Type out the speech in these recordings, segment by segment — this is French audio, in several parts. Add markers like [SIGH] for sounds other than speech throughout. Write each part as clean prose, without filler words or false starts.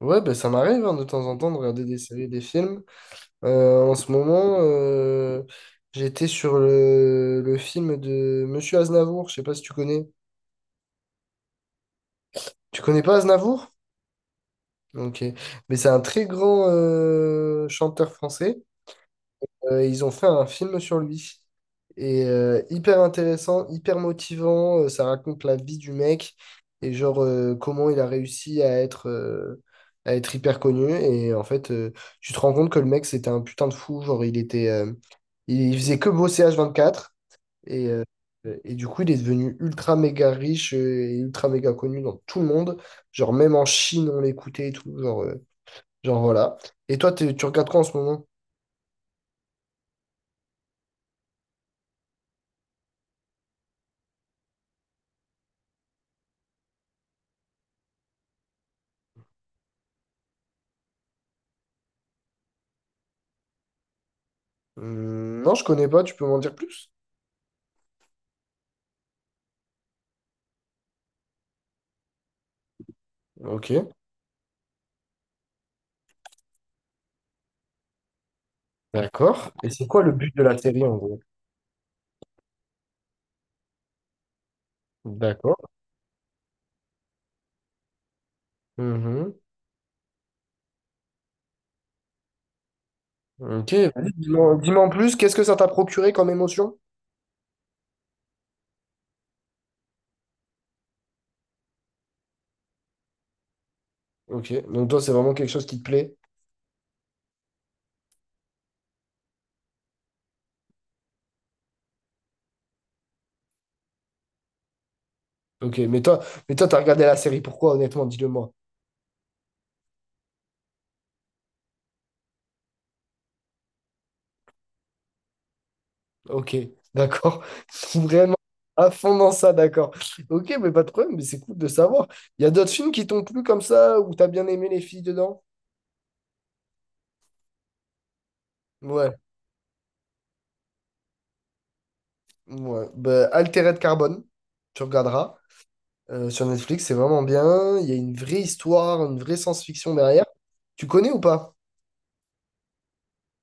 Ouais, ben ça m'arrive hein, de temps en temps de regarder des séries, des films. En ce moment, j'étais sur le film de Monsieur Aznavour. Je sais pas si tu connais. Tu connais pas Aznavour? Ok. Mais c'est un très grand chanteur français. Ils ont fait un film sur lui. Et hyper intéressant, hyper motivant. Ça raconte la vie du mec et genre comment il a réussi à être hyper connu. Et en fait, tu te rends compte que le mec, c'était un putain de fou. Genre, il était, il faisait que bosser H24. Et, euh, et du coup, il est devenu ultra méga riche, et ultra méga connu dans tout le monde. Genre, même en Chine, on l'écoutait et tout. Genre, voilà. Et toi, tu regardes quoi en ce moment? Hmm, non, je connais pas, tu peux m'en dire plus? Ok, d'accord. Et c'est quoi le but de la série en gros? D'accord. Mhm. Ok, vas-y, dis-moi en plus, qu'est-ce que ça t'a procuré comme émotion? Ok, donc toi, c'est vraiment quelque chose qui te plaît. Ok, mais toi, t'as regardé la série, pourquoi, honnêtement, dis-le-moi. Ok, d'accord. [LAUGHS] Vraiment à fond dans ça, d'accord. Ok, mais pas de problème, mais c'est cool de savoir. Il y a d'autres films qui t'ont plu comme ça, où t'as bien aimé les filles dedans? Ouais, ouais. Bah, Altered Carbone, tu regarderas. Sur Netflix, c'est vraiment bien. Il y a une vraie histoire, une vraie science-fiction derrière. Tu connais ou pas?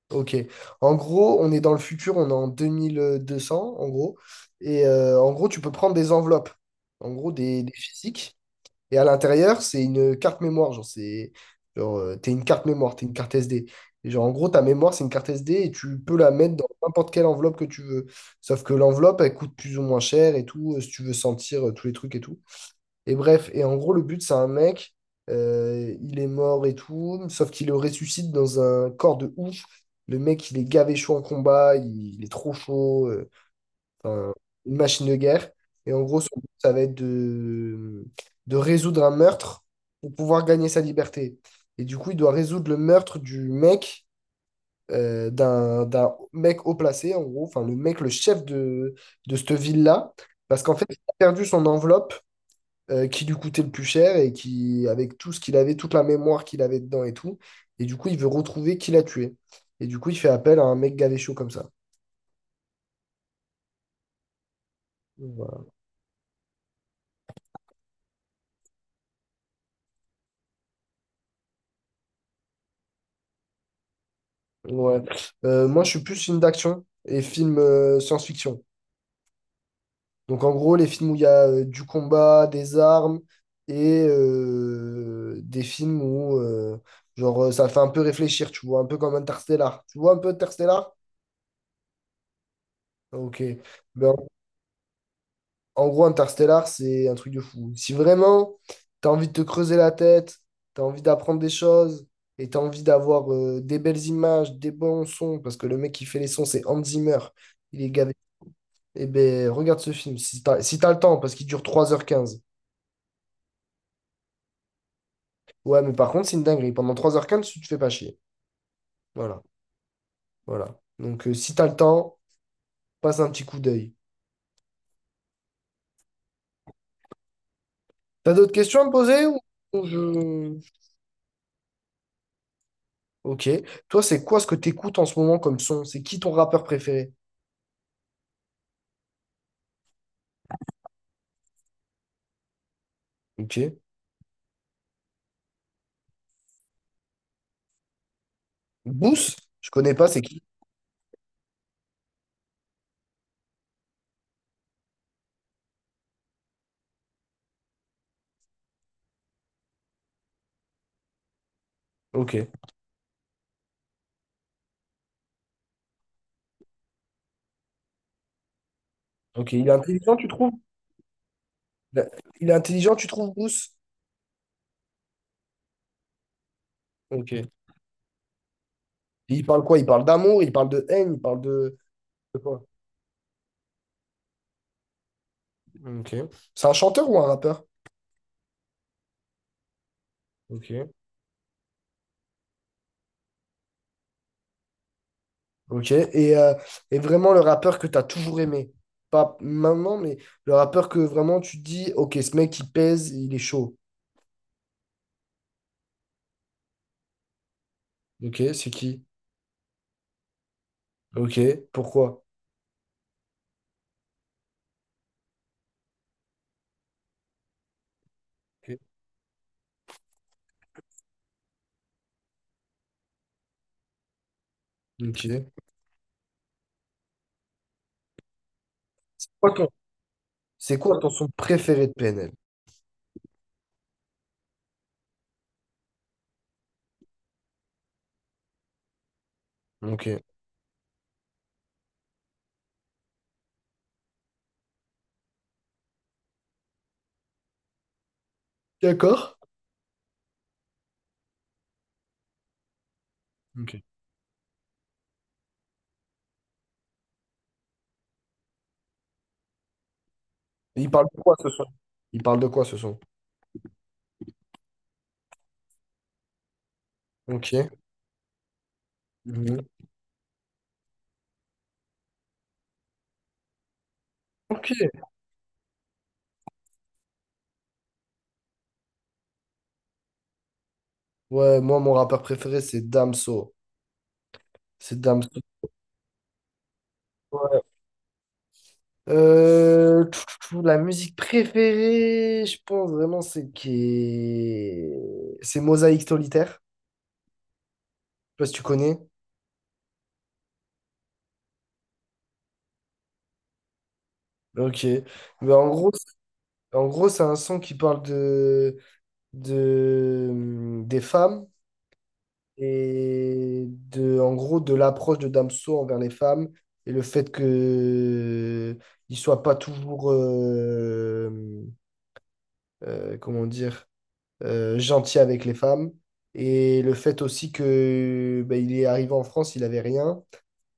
Ok. En gros, on est dans le futur, on est en 2200, en gros. Et en gros, tu peux prendre des enveloppes, en gros, des physiques. Et à l'intérieur, c'est une carte mémoire. Genre, t'es une carte mémoire, t'es une carte SD. Et genre, en gros, ta mémoire, c'est une carte SD et tu peux la mettre dans n'importe quelle enveloppe que tu veux. Sauf que l'enveloppe, elle coûte plus ou moins cher et tout, si tu veux sentir tous les trucs et tout. Et bref, et en gros, le but, c'est un mec, il est mort et tout, sauf qu'il le ressuscite dans un corps de ouf. Le mec, il est gavé chaud en combat, il est trop chaud, enfin, une machine de guerre. Et en gros, son but, ça va être de résoudre un meurtre pour pouvoir gagner sa liberté. Et du coup, il doit résoudre le meurtre du mec, d'un mec haut placé, en gros, enfin, le mec, le chef de cette ville-là, parce qu'en fait, il a perdu son enveloppe, qui lui coûtait le plus cher et qui, avec tout ce qu'il avait, toute la mémoire qu'il avait dedans et tout. Et du coup, il veut retrouver qui l'a tué. Et du coup, il fait appel à un mec gavé chaud comme ça. Voilà. Ouais. Moi, je suis plus film d'action et film science-fiction. Donc, en gros, les films où il y a du combat, des armes et des films où, genre, ça fait un peu réfléchir, tu vois, un peu comme Interstellar. Tu vois un peu Interstellar? Ok. Ben, en gros, Interstellar, c'est un truc de fou. Si vraiment tu as envie de te creuser la tête, tu as envie d'apprendre des choses et tu as envie d'avoir des belles images, des bons sons, parce que le mec qui fait les sons, c'est Hans Zimmer, il est gavé. Eh ben, regarde ce film, si t'as le temps, parce qu'il dure 3h15. Ouais, mais par contre, c'est une dinguerie. Pendant 3h15, tu te fais pas chier. Voilà, voilà. Donc, si t'as le temps, passe un petit coup d'œil. T'as d'autres questions à me poser. Ou je- Ok. Toi, c'est quoi ce que t'écoutes en ce moment comme son? C'est qui ton rappeur préféré? Ok. Bous? Je connais pas, c'est qui? Ok, ok. Il est intelligent, tu trouves? Il a- il est intelligent, tu trouves, Bous? Ok. Et il parle quoi? Il parle d'amour, il parle de haine, il parle de quoi? Ok. C'est un chanteur ou un rappeur? Ok. Ok. Et vraiment le rappeur que tu as toujours aimé. Pas maintenant, mais le rappeur que vraiment tu te dis, ok, ce mec, il pèse, il est chaud. Ok, c'est qui? Ok. Pourquoi? Ok. Ok. Quoi ton- C'est quoi ton son préféré de PNL? Ok. D'accord. Ok. Il parle de quoi ce son? Il parle de quoi ce son? Ok. Mhm. Ok. Ouais, moi, mon rappeur préféré, c'est Damso. C'est Damso. Ouais. Tout, la musique préférée, je pense vraiment, c'est qui. C'est Mosaïque Solitaire. Je sais pas si tu connais. Ok. Mais en gros, c'est un son qui parle des femmes. Et de, en gros de l'approche de Damso envers les femmes et le fait que il soit pas toujours comment dire, gentil avec les femmes et le fait aussi que bah, il est arrivé en France, il avait rien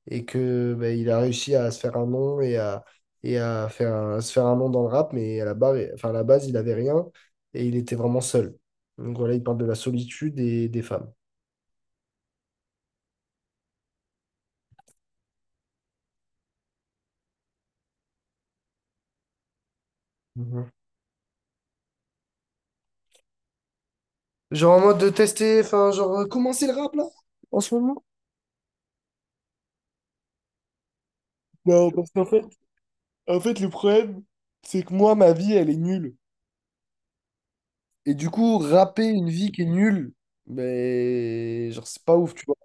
et que bah, il a réussi à se faire un nom et à se faire un nom dans le rap, mais à la barre, enfin à la base, il avait rien et il était vraiment seul, donc voilà, il parle de la solitude et des femmes. Mhm. Genre en mode de tester, enfin, genre commencer le rap là, en ce moment? Non, parce qu'en fait, le problème, c'est que moi, ma vie, elle est nulle. Et du coup, rapper une vie qui est nulle, mais genre c'est pas ouf, tu vois.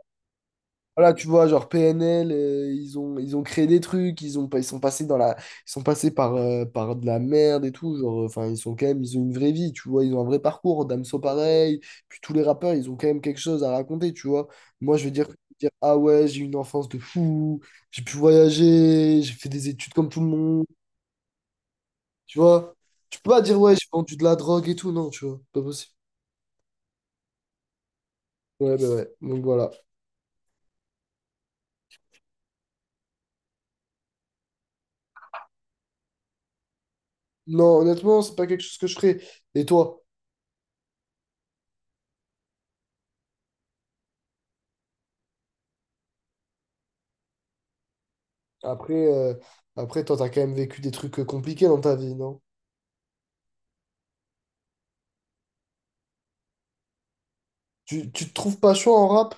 Voilà, tu vois, genre PNL, ils ont créé des trucs, ils ont, pas- ils sont passés par de la merde et tout, genre, enfin, ils sont quand même, ils ont une vraie vie, tu vois, ils ont un vrai parcours, Damso pareil, puis tous les rappeurs, ils ont quand même quelque chose à raconter, tu vois. Moi, je veux dire, ah ouais, j'ai eu une enfance de fou, j'ai pu voyager, j'ai fait des études comme tout le monde, tu vois. Tu peux pas dire, ouais, j'ai vendu de la drogue et tout, non, tu vois, pas possible. Ouais, bah ouais, donc voilà. Non, honnêtement, c'est pas quelque chose que je ferais. Et toi? Après, euh, après toi, t'as quand même vécu des trucs compliqués dans ta vie, non? Tu te trouves pas chaud en rap?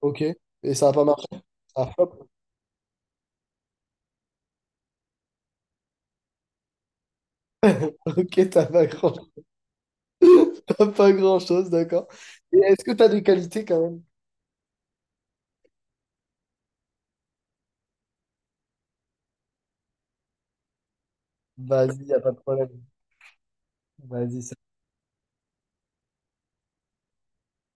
Ok. Et ça a pas marché? Ça a pas- [LAUGHS] Ok, t'as pas grand... [LAUGHS] t'as pas grand-chose, d'accord. Et est-ce que t'as des qualités quand même? Vas-y, y a pas de problème. Vas-y,